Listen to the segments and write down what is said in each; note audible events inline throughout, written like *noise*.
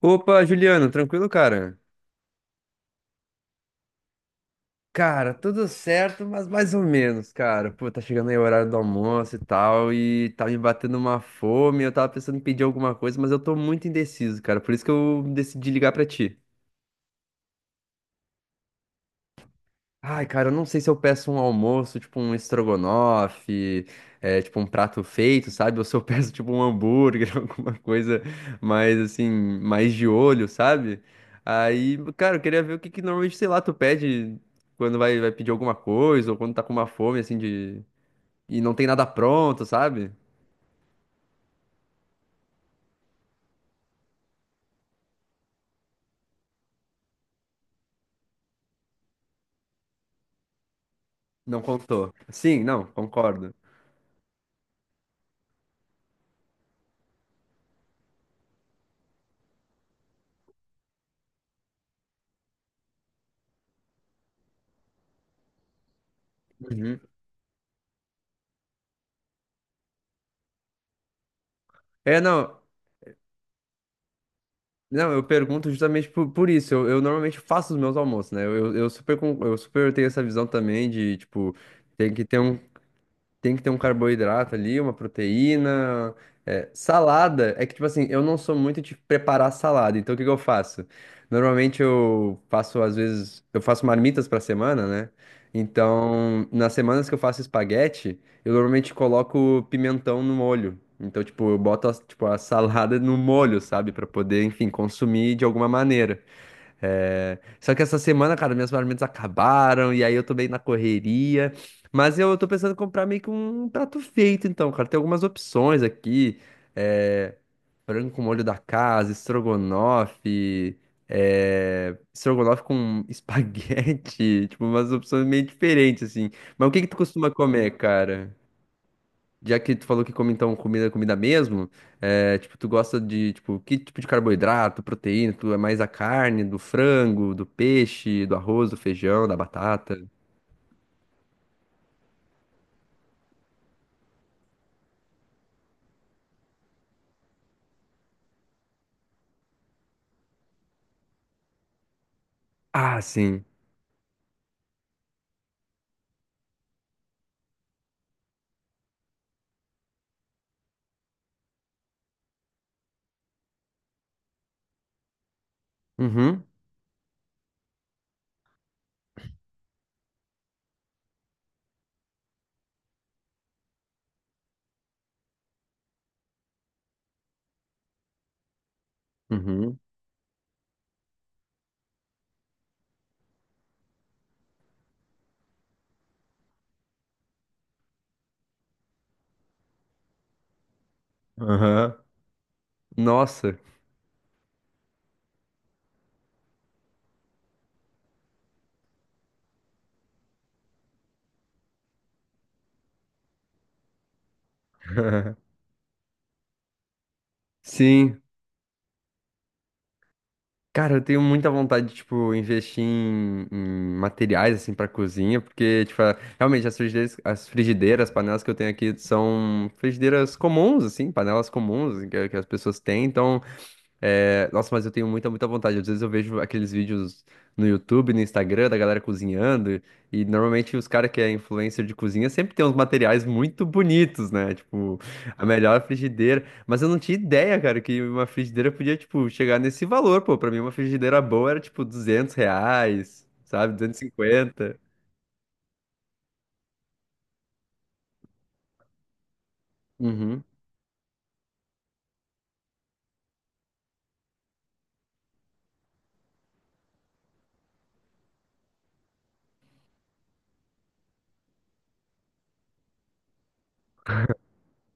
Opa, Juliano, tranquilo, cara? Cara, tudo certo, mas mais ou menos, cara. Pô, tá chegando aí o horário do almoço e tal, e tá me batendo uma fome. Eu tava pensando em pedir alguma coisa, mas eu tô muito indeciso, cara. Por isso que eu decidi ligar pra ti. Ai, cara, eu não sei se eu peço um almoço, tipo um estrogonofe, tipo um prato feito, sabe? Ou se eu *laughs* peço tipo um hambúrguer, *laughs* alguma coisa mais assim, mais de olho, sabe? Aí, cara, eu queria ver o que que normalmente, sei lá, tu pede quando vai pedir alguma coisa ou quando tá com uma fome, assim, de... E não tem nada pronto, sabe? Não contou. Sim, não, concordo. Uhum. É, não. Não, eu pergunto justamente por isso. Eu normalmente faço os meus almoços, né? Eu super, eu super tenho essa visão também de, tipo, tem que ter um, tem que ter um carboidrato ali, uma proteína. É, salada, é que, tipo assim, eu não sou muito de preparar salada, então o que que eu faço? Normalmente eu faço, às vezes, eu faço marmitas pra semana, né? Então, nas semanas que eu faço espaguete, eu normalmente coloco pimentão no molho. Então, tipo, eu boto, tipo, a *laughs* salada no molho, sabe? Pra poder, enfim, consumir de alguma maneira. É, só que essa semana, cara, minhas marmitas acabaram e aí eu tô bem na correria. Mas eu tô pensando em comprar meio que um prato feito, então, cara. Tem algumas opções aqui. É... Frango com molho da casa, estrogonofe, estrogonofe com *laughs* espaguete. Tipo, umas opções meio diferentes, assim. Mas o que que tu costuma comer, cara? Já que tu falou que come então comida, comida mesmo, é, tipo, tu gosta de, tipo, que tipo de carboidrato, proteína, tu é mais a carne, do frango, do peixe, do arroz, do feijão, da batata? Ah, sim. Uhum, uhum, aham. Nossa. *laughs* Sim. Cara, eu tenho muita vontade de, tipo, investir em materiais, assim, pra cozinha, porque, tipo, realmente as frigideiras, as panelas que eu tenho aqui são frigideiras comuns, assim, panelas comuns que, as pessoas têm, então... É, nossa, mas eu tenho muita vontade. Às vezes eu vejo aqueles vídeos no YouTube, no Instagram, da galera cozinhando, e normalmente os caras que é influencer de cozinha sempre tem uns materiais muito bonitos, né? Tipo, a melhor frigideira. Mas eu não tinha ideia, cara, que uma frigideira podia, tipo, chegar nesse valor, pô. Pra mim, uma frigideira boa era, tipo, 200 reais, sabe? 250. Uhum.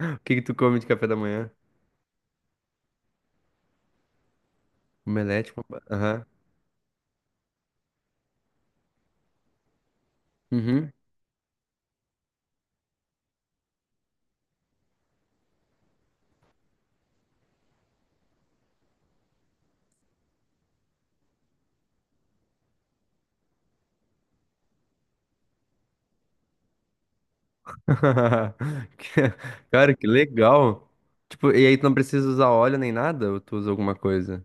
O que que tu come de café da manhã? Omelete com... Aham. Uhum. *laughs* Que- Cara, que legal. Tipo, e aí tu não precisa usar óleo nem nada? Ou tu usa alguma coisa?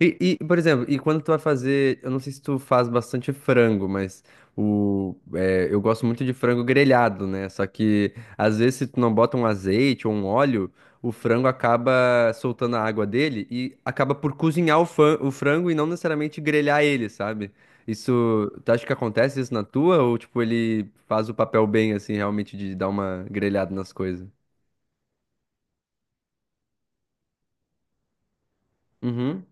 Por exemplo, e quando tu vai fazer, eu não sei se tu faz bastante frango, mas é, eu gosto muito de frango grelhado, né? Só que às vezes se tu não bota um azeite ou um óleo, o frango acaba soltando a água dele e acaba por cozinhar o frango e não necessariamente grelhar ele, sabe? Isso, tu acha que acontece isso na tua ou tipo ele faz o papel bem assim, realmente de dar uma grelhada nas coisas? Uhum,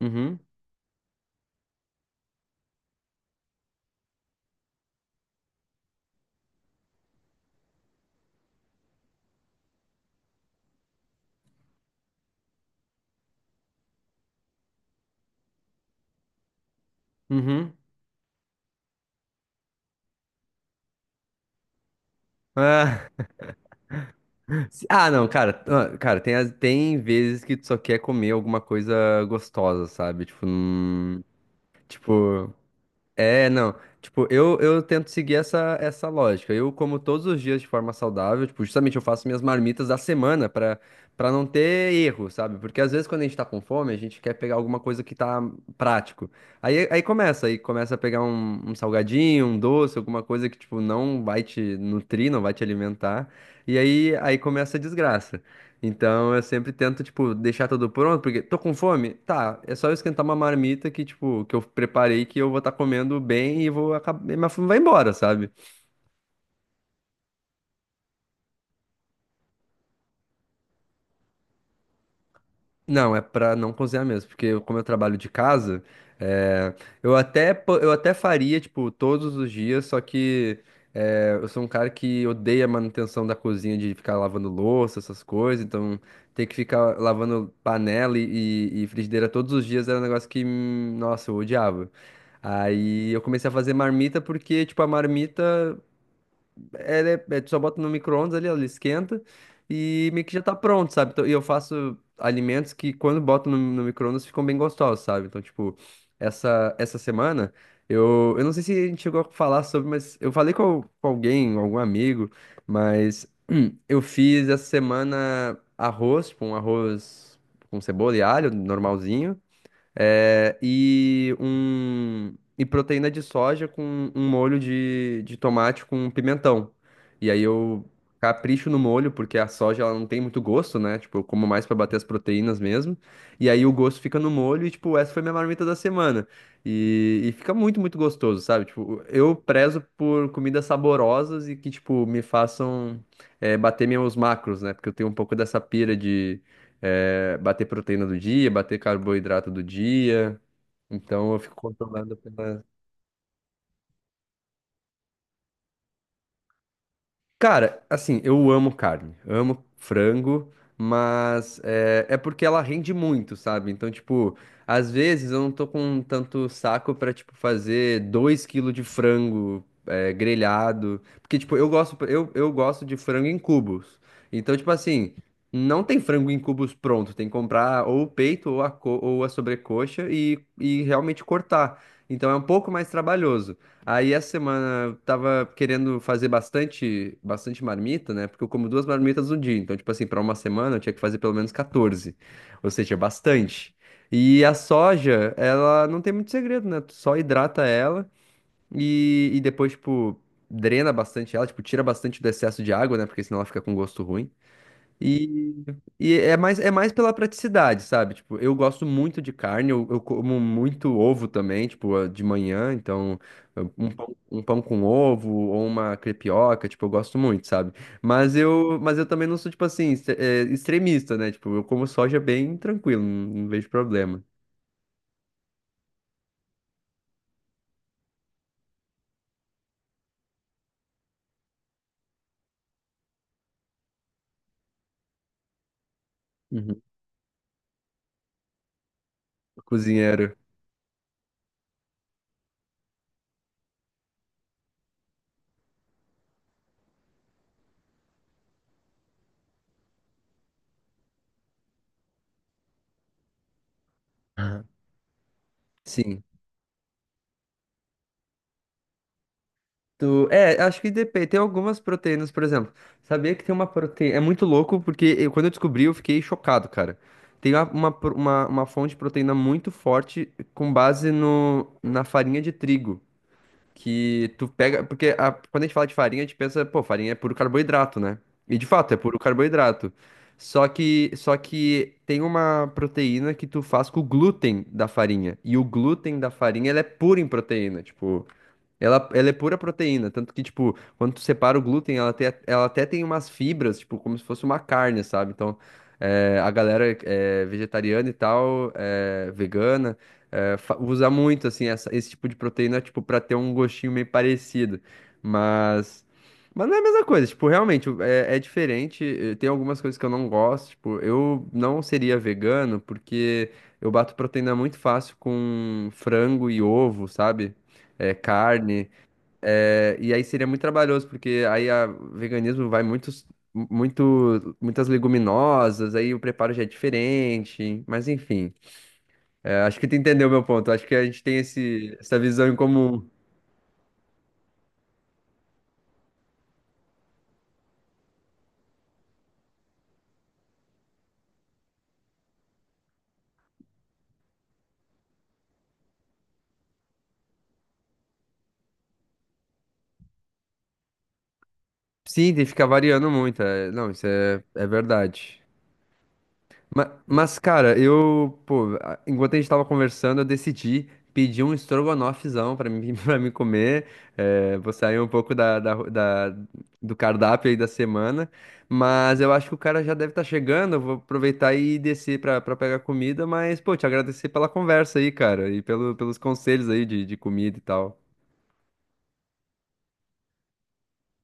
uhum, uhum. Ah. Ah, não, cara, ah, cara, tem, tem vezes que tu só quer comer alguma coisa gostosa, sabe? Tipo, tipo, é, não. Tipo, eu tento seguir essa lógica. Eu como todos os dias de forma saudável, tipo, justamente eu faço minhas marmitas da semana pra, pra não ter erro, sabe? Porque às vezes quando a gente tá com fome, a gente quer pegar alguma coisa que tá prático. Aí começa a pegar um salgadinho, um doce, alguma coisa que, tipo, não vai te nutrir, não vai te alimentar. E aí começa a desgraça. Então eu sempre tento, tipo, deixar tudo pronto, porque tô com fome? Tá, é só eu esquentar uma marmita que, tipo, que eu preparei que eu vou estar comendo bem e vou acabar. Minha fome vai embora, sabe? Não, é pra não cozinhar mesmo, porque como eu trabalho de casa, é, eu até, eu até faria, tipo, todos os dias, só que é, eu sou um cara que odeia a manutenção da cozinha, de ficar lavando louça, essas coisas, então ter que ficar lavando panela e frigideira todos os dias era um negócio que, nossa, eu odiava. Aí eu comecei a fazer marmita porque, tipo, a marmita ela é, né, é, tu só bota no micro-ondas ali, ela esquenta e meio que já tá pronto, sabe? Então, e eu faço alimentos que quando boto no micro-ondas ficam bem gostosos, sabe? Então, tipo, essa semana eu não sei se a gente chegou a falar sobre, mas eu falei com, com alguém, algum amigo, mas eu fiz essa semana arroz, tipo, um arroz com cebola e alho, normalzinho. É, e um e proteína de soja com um molho de tomate com pimentão. E aí eu capricho no molho, porque a soja ela não tem muito gosto, né? Tipo, eu como mais pra bater as proteínas mesmo. E aí o gosto fica no molho e, tipo, essa foi minha marmita da semana. E fica muito, muito gostoso, sabe? Tipo, eu prezo por comidas saborosas e que, tipo, me façam, é, bater meus macros, né? Porque eu tenho um pouco dessa pira é, bater proteína do dia, bater carboidrato do dia. Então eu fico controlando pela. Cara, assim, eu amo carne, amo frango, mas é, é porque ela rende muito, sabe? Então, tipo, às vezes eu não tô com tanto saco pra, tipo, fazer 2 quilos de frango é, grelhado. Porque, tipo, eu gosto, eu gosto de frango em cubos. Então, tipo assim, não tem frango em cubos pronto, tem que comprar ou o peito ou ou a sobrecoxa e realmente cortar. Então é um pouco mais trabalhoso. Aí essa semana eu tava querendo fazer bastante marmita, né? Porque eu como duas marmitas no dia. Então, tipo assim, para uma semana eu tinha que fazer pelo menos 14. Ou seja, bastante. E a soja, ela não tem muito segredo, né? Tu só hidrata ela e depois, tipo, drena bastante ela, tipo, tira bastante do excesso de água, né? Porque senão ela fica com gosto ruim. E, e é mais pela praticidade, sabe? Tipo, eu gosto muito de carne, eu como muito ovo também, tipo, eh, de manhã, então um pão com ovo ou uma crepioca, tipo, eu gosto muito, sabe? Mas eu também não sou, tipo assim, extremista, né? Tipo, eu como soja bem tranquilo, não, não vejo problema. Uhum. Cozinheiro. *laughs* Sim. Tu- É, acho que depende. Tem algumas proteínas, por exemplo. Sabia que tem uma proteína. É muito louco, porque eu- quando eu descobri, eu fiquei chocado, cara. Tem uma fonte de proteína muito forte com base no, na farinha de trigo. Que tu pega. Porque quando a gente fala de farinha, a gente pensa, pô, farinha é puro carboidrato, né? E de fato, é puro carboidrato. Só que tem uma proteína que tu faz com o glúten da farinha. E o glúten da farinha, ela é pura em proteína. Tipo. Ela é pura proteína, tanto que, tipo, quando tu separa o glúten, ela até tem umas fibras, tipo, como se fosse uma carne, sabe? Então, a galera vegetariana e tal, vegana, usa muito, assim, esse tipo de proteína, tipo, pra ter um gostinho meio parecido. Mas, mas não é a mesma coisa, tipo, realmente, é, é diferente. Tem algumas coisas que eu não gosto, tipo, eu não seria vegano porque eu bato proteína muito fácil com frango e ovo, sabe? É, carne. É, e aí seria muito trabalhoso, porque aí a o veganismo vai muitos, muitas leguminosas, aí o preparo já é diferente, mas enfim. É, acho que tu entendeu o meu ponto. Acho que a gente tem esse, essa visão em comum. Sim, tem que ficar variando muito. É, não, isso é, é verdade. Ma- Mas, cara, eu, pô, a- enquanto a gente tava conversando, eu decidi pedir um estrogonofezão pra mim, *laughs* pra mim comer. É, vou sair um pouco da, da, do cardápio aí da semana. Mas eu acho que o cara já deve estar chegando. Eu vou aproveitar e descer pra, pra pegar comida. Mas, pô, te agradecer pela conversa aí, cara, e pelo, pelos conselhos aí de comida e tal.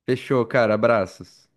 Fechou, cara. Abraços.